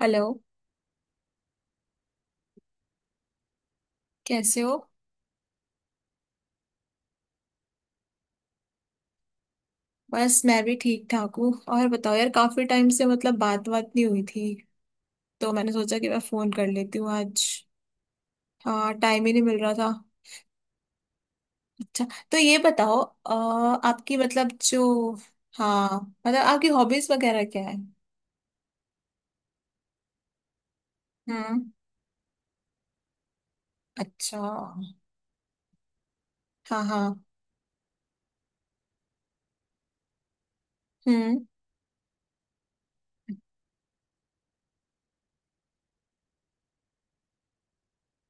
Hello. कैसे हो? बस मैं भी ठीक ठाक हूँ। और बताओ यार, काफी टाइम से मतलब बात बात नहीं हुई थी, तो मैंने सोचा कि मैं फोन कर लेती हूँ आज। हाँ, टाइम ही नहीं मिल रहा था। अच्छा, तो ये बताओ आपकी मतलब जो, हाँ, मतलब आपकी हॉबीज वगैरह क्या है? हम्म। अच्छा, हाँ। हाँ। हम्म।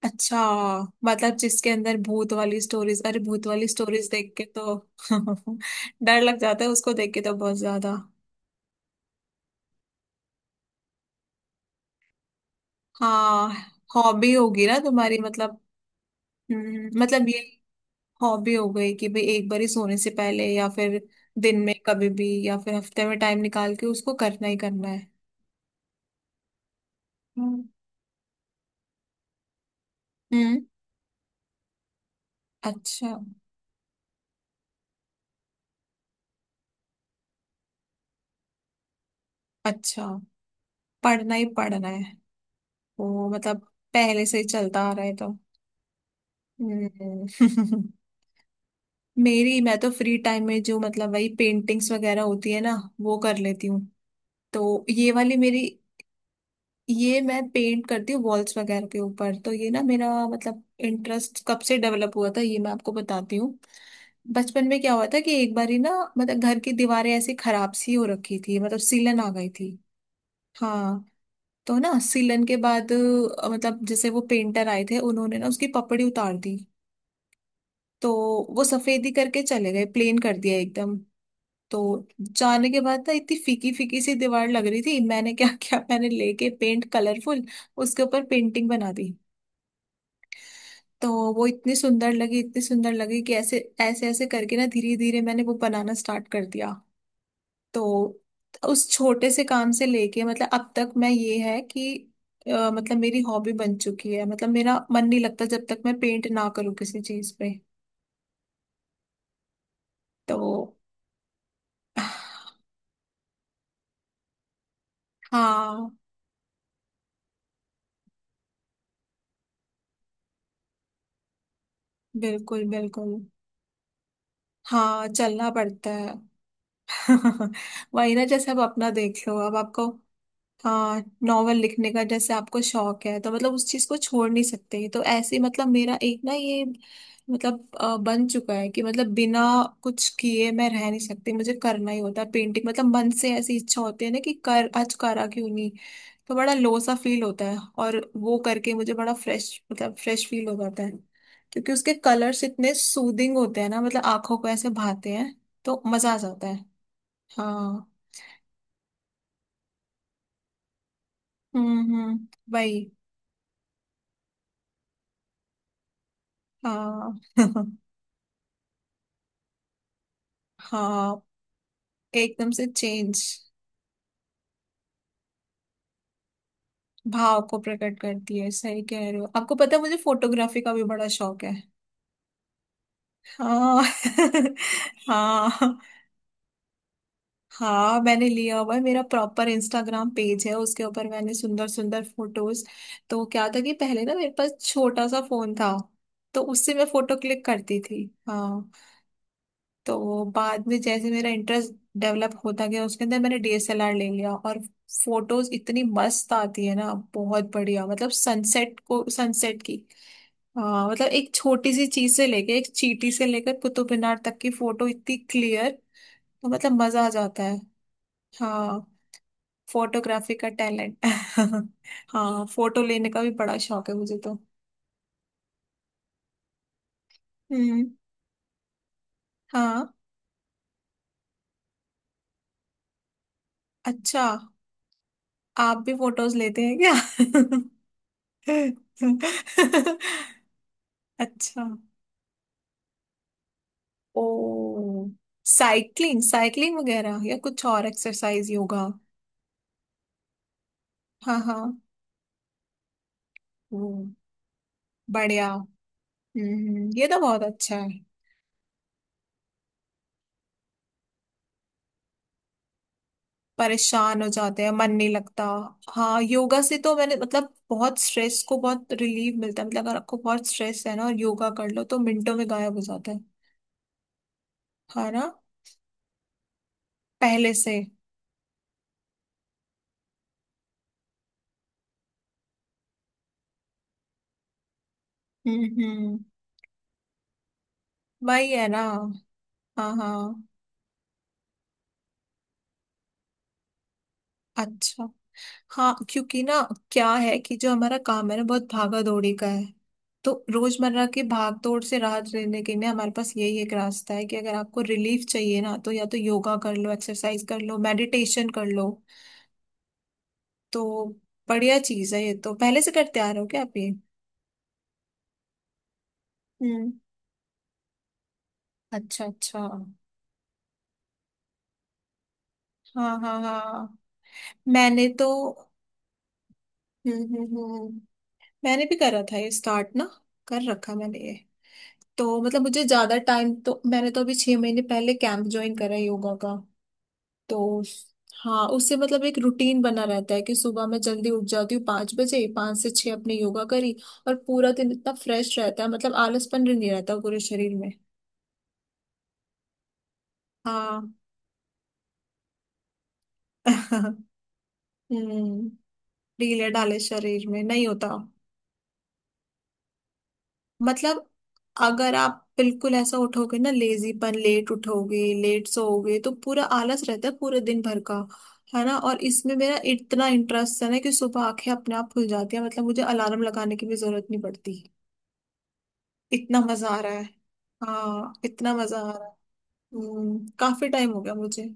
अच्छा, मतलब जिसके अंदर भूत वाली स्टोरीज। अरे, भूत वाली स्टोरीज देख के तो डर लग जाता है, उसको देख के तो बहुत ज्यादा। हाँ, हॉबी होगी ना तुम्हारी मतलब। मतलब ये हॉबी हो गई कि भाई एक बार ही सोने से पहले, या फिर दिन में कभी भी, या फिर हफ्ते में टाइम निकाल के उसको करना ही करना है। हम्म। हम्म, अच्छा, अच्छा। पढ़ना ही पढ़ना है वो मतलब, पहले से ही चलता आ रहा है तो। हम्म। मेरी, मैं तो फ्री टाइम में जो मतलब वही पेंटिंग्स वगैरह होती है ना, वो कर लेती हूँ। तो ये वाली मेरी, ये मैं पेंट करती हूँ वॉल्स वगैरह के ऊपर। तो ये ना मेरा मतलब इंटरेस्ट कब से डेवलप हुआ था ये मैं आपको बताती हूँ। बचपन में क्या हुआ था कि एक बारी ना, मतलब घर की दीवारें ऐसी खराब सी हो रखी थी, मतलब सीलन आ गई थी। हाँ, तो ना सीलन के बाद मतलब जैसे वो पेंटर आए थे, उन्होंने ना उसकी पपड़ी उतार दी। तो वो सफेदी करके चले गए, प्लेन कर दिया एकदम। तो जाने के बाद ना इतनी फीकी फीकी सी दीवार लग रही थी। मैंने क्या क्या मैंने लेके पेंट कलरफुल, उसके ऊपर पेंटिंग बना दी। तो वो इतनी सुंदर लगी, इतनी सुंदर लगी कि ऐसे ऐसे ऐसे करके ना धीरे धीरे मैंने वो बनाना स्टार्ट कर दिया। तो उस छोटे से काम से लेके मतलब अब तक मैं, ये है कि मतलब मेरी हॉबी बन चुकी है। मतलब मेरा मन नहीं लगता जब तक मैं पेंट ना करूँ किसी चीज पे। तो हाँ, बिल्कुल, बिल्कुल। हाँ, चलना पड़ता है। वही ना, जैसे अब अपना देख लो, अब आपको, हाँ, नॉवल लिखने का जैसे आपको शौक है, तो मतलब उस चीज को छोड़ नहीं सकते। तो ऐसे ही मतलब मेरा एक ना ये, मतलब बन चुका है कि मतलब बिना कुछ किए मैं रह नहीं सकती, मुझे करना ही होता है पेंटिंग। मतलब मन से ऐसी इच्छा होती है ना कि कर, आज करा क्यों नहीं। तो बड़ा लो सा फील होता है, और वो करके मुझे बड़ा फ्रेश, मतलब फ्रेश फील हो जाता है। क्योंकि उसके कलर्स इतने सूदिंग होते हैं ना, मतलब आंखों को ऐसे भाते हैं, तो मजा आ जाता है। हाँ। हम्म, हम्म। वही। हाँ। हाँ, एकदम से चेंज। भाव को प्रकट करती है, सही कह रहे हो। आपको पता है, मुझे फोटोग्राफी का भी बड़ा शौक है। हाँ। हाँ, हाँ, मैंने लिया हुआ है। मेरा प्रॉपर इंस्टाग्राम पेज है, उसके ऊपर मैंने सुंदर सुंदर फोटोज। तो क्या था कि पहले ना मेरे पास छोटा सा फोन था, तो उससे मैं फोटो क्लिक करती थी। हाँ, तो बाद में जैसे मेरा इंटरेस्ट डेवलप होता गया, उसके अंदर मैंने डीएसएलआर ले लिया। और फोटोज इतनी मस्त आती है ना, बहुत बढ़िया। मतलब सनसेट को, सनसेट की मतलब एक छोटी सी चीज से लेके, एक चींटी से लेकर कुतुब मीनार तक की फोटो इतनी क्लियर, तो मतलब मजा आ जाता है। हाँ, फोटोग्राफी का टैलेंट। हाँ, फोटो लेने का भी बड़ा शौक है मुझे तो। हम्म। हाँ, अच्छा, आप भी फोटोज लेते हैं क्या? अच्छा, ओ, साइकिलिंग साइकिलिंग वगैरह या कुछ और एक्सरसाइज योगा? हाँ, हाँ वो, बढ़िया। हम्म, ये तो बहुत अच्छा है। परेशान हो जाते हैं, मन नहीं लगता। हाँ, योगा से तो मैंने मतलब बहुत स्ट्रेस को, बहुत रिलीफ मिलता है। मतलब अगर आपको बहुत स्ट्रेस है ना, और योगा कर लो, तो मिनटों में गायब हो जाता है ना? पहले से। हम्म, हम्म। वही है ना। हाँ, हाँ। अच्छा, हाँ क्योंकि ना, क्या है कि जो हमारा काम है ना, बहुत भागा दौड़ी का है। तो रोजमर्रा की भाग दौड़ से राहत लेने के लिए हमारे पास यही एक रास्ता है कि अगर आपको रिलीफ चाहिए ना, तो या तो योगा कर लो, एक्सरसाइज कर लो, मेडिटेशन कर लो। तो बढ़िया चीज है ये तो। पहले से करते आ रहे हो क्या आप ये? हम्म। अच्छा, अच्छा। हाँ, हाँ, हाँ, मैंने तो हम्म, हम्म, हम्म, मैंने भी करा था ये स्टार्ट ना, कर रखा मैंने ये। तो मतलब मुझे ज्यादा टाइम, तो मैंने तो अभी 6 महीने पहले कैंप ज्वाइन करा है योगा का। तो हाँ, उससे मतलब एक रूटीन बना रहता है कि सुबह मैं जल्दी उठ जाती हूँ 5 बजे, 5 से 6 अपने योगा करी। और पूरा दिन इतना फ्रेश रहता है, मतलब आलसपन भी नहीं रहता पूरे शरीर में। हाँ। हम्म, ढीले ढाले शरीर में नहीं होता। मतलब अगर आप बिल्कुल ऐसा उठोगे ना, लेजीपन, लेट उठोगे, लेट सोओगे, तो पूरा आलस रहता है पूरे दिन भर का। है ना, और इसमें मेरा इतना इंटरेस्ट है ना कि सुबह आंखें अपने आप खुल जाती है। मतलब मुझे अलार्म लगाने की भी जरूरत नहीं पड़ती, इतना मजा आ रहा है। हाँ, इतना मजा आ रहा है। काफी टाइम हो गया मुझे।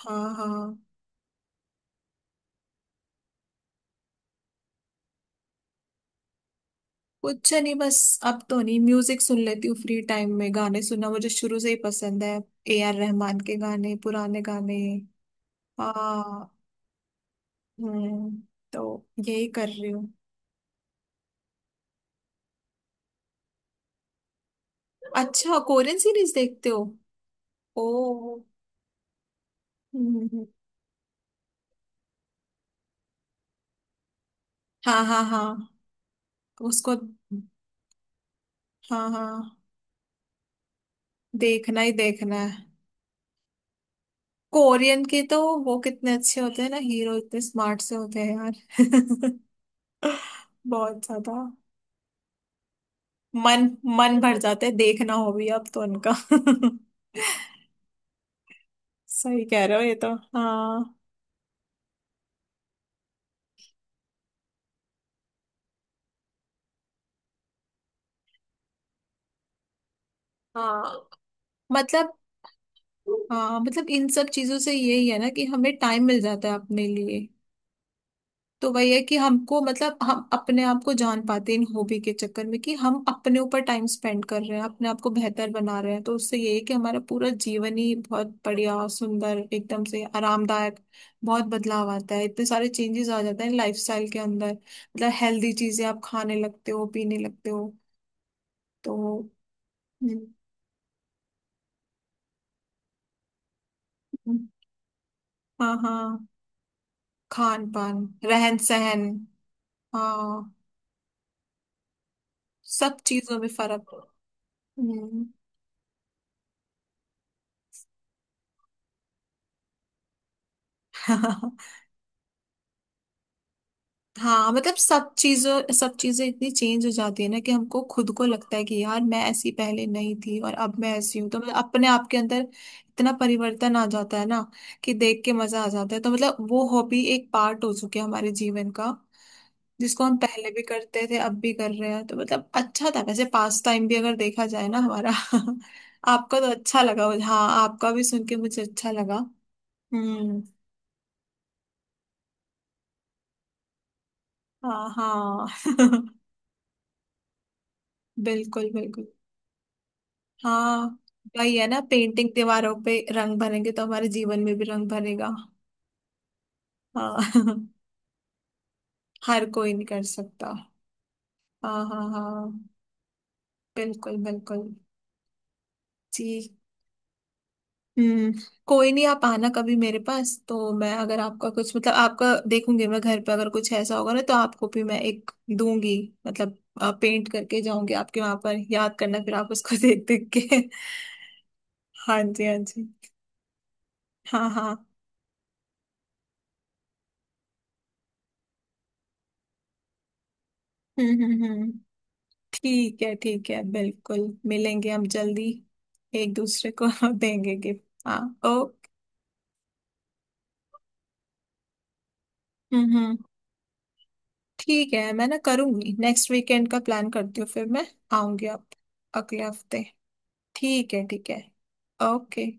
हाँ, हाँ। कुछ नहीं, बस अब तो नहीं, म्यूजिक सुन लेती हूँ फ्री टाइम में। गाने सुनना मुझे शुरू से ही पसंद है। AR रहमान के गाने, पुराने गाने। हाँ। हम्म, तो यही कर रही हूँ। अच्छा, कोरियन सीरीज देखते हो? ओ। हम्म, हाँ, हाँ, हाँ। उसको, हाँ, हाँ, देखना ही देखना है। कोरियन के तो वो कितने अच्छे होते हैं ना हीरो, इतने स्मार्ट से होते हैं यार। बहुत ज्यादा मन मन भर जाते हैं, देखना हो भी अब तो उनका। सही कह रहे हो ये तो। हाँ, हाँ मतलब, हाँ मतलब इन सब चीजों से यही है ना कि हमें टाइम मिल जाता है अपने लिए। तो वही है कि हमको मतलब हम अपने आप को जान पाते हैं इन हॉबी के चक्कर में, कि हम अपने ऊपर टाइम स्पेंड कर रहे हैं, अपने आप को बेहतर बना रहे हैं। तो उससे ये है कि हमारा पूरा जीवन ही बहुत बढ़िया, सुंदर, एकदम से आरामदायक। बहुत बदलाव आता है, इतने सारे चेंजेस आ जाते हैं लाइफस्टाइल के अंदर। मतलब हेल्दी चीजें आप खाने लगते हो, पीने लगते हो। तो हम्म, हाँ, हाँ। खान पान, रहन सहन। हाँ, सब चीजों में फर्क। हम्म। हाँ मतलब सब चीजों, सब चीजें इतनी चेंज हो जाती है ना कि हमको खुद को लगता है कि यार, मैं ऐसी पहले नहीं थी, और अब मैं ऐसी हूँ। तो मतलब अपने आप के अंदर इतना परिवर्तन आ जाता है ना कि देख के मजा आ जाता है। तो मतलब वो हॉबी एक पार्ट हो चुकी है हमारे जीवन का, जिसको हम पहले भी करते थे अब भी कर रहे हैं। तो मतलब अच्छा था, वैसे पास टाइम भी अगर देखा जाए ना हमारा। आपका तो अच्छा लगा, हाँ, आपका भी सुन के मुझे अच्छा लगा। हम्म। हाँ, हाँ। बिल्कुल, बिल्कुल। हाँ वही है ना, पेंटिंग, दीवारों पे रंग भरेंगे तो हमारे जीवन में भी रंग भरेगा। हाँ। हर कोई नहीं कर सकता। हाँ, हाँ, हाँ, बिल्कुल, बिल्कुल। जी। हम्म। कोई नहीं, आप आना कभी मेरे पास, तो मैं अगर आपका कुछ मतलब आपका देखूंगी मैं घर पे, अगर कुछ ऐसा होगा ना तो आपको भी मैं एक दूंगी। मतलब पेंट करके जाऊंगी आपके वहां पर, याद करना फिर आप उसको देख देख के। हाँ जी, हाँ जी। हाँ, हाँ। हम्म, हम्म, हम्म। ठीक है, ठीक है, बिल्कुल, मिलेंगे हम जल्दी, एक दूसरे को देंगे गिफ्ट। हाँ, ओके। हम्म, हम्म, ठीक है, मैं ना करूंगी नेक्स्ट वीकेंड का प्लान करती हूँ, फिर मैं आऊंगी आप। अगले हफ्ते। ठीक है, ठीक है। ओके।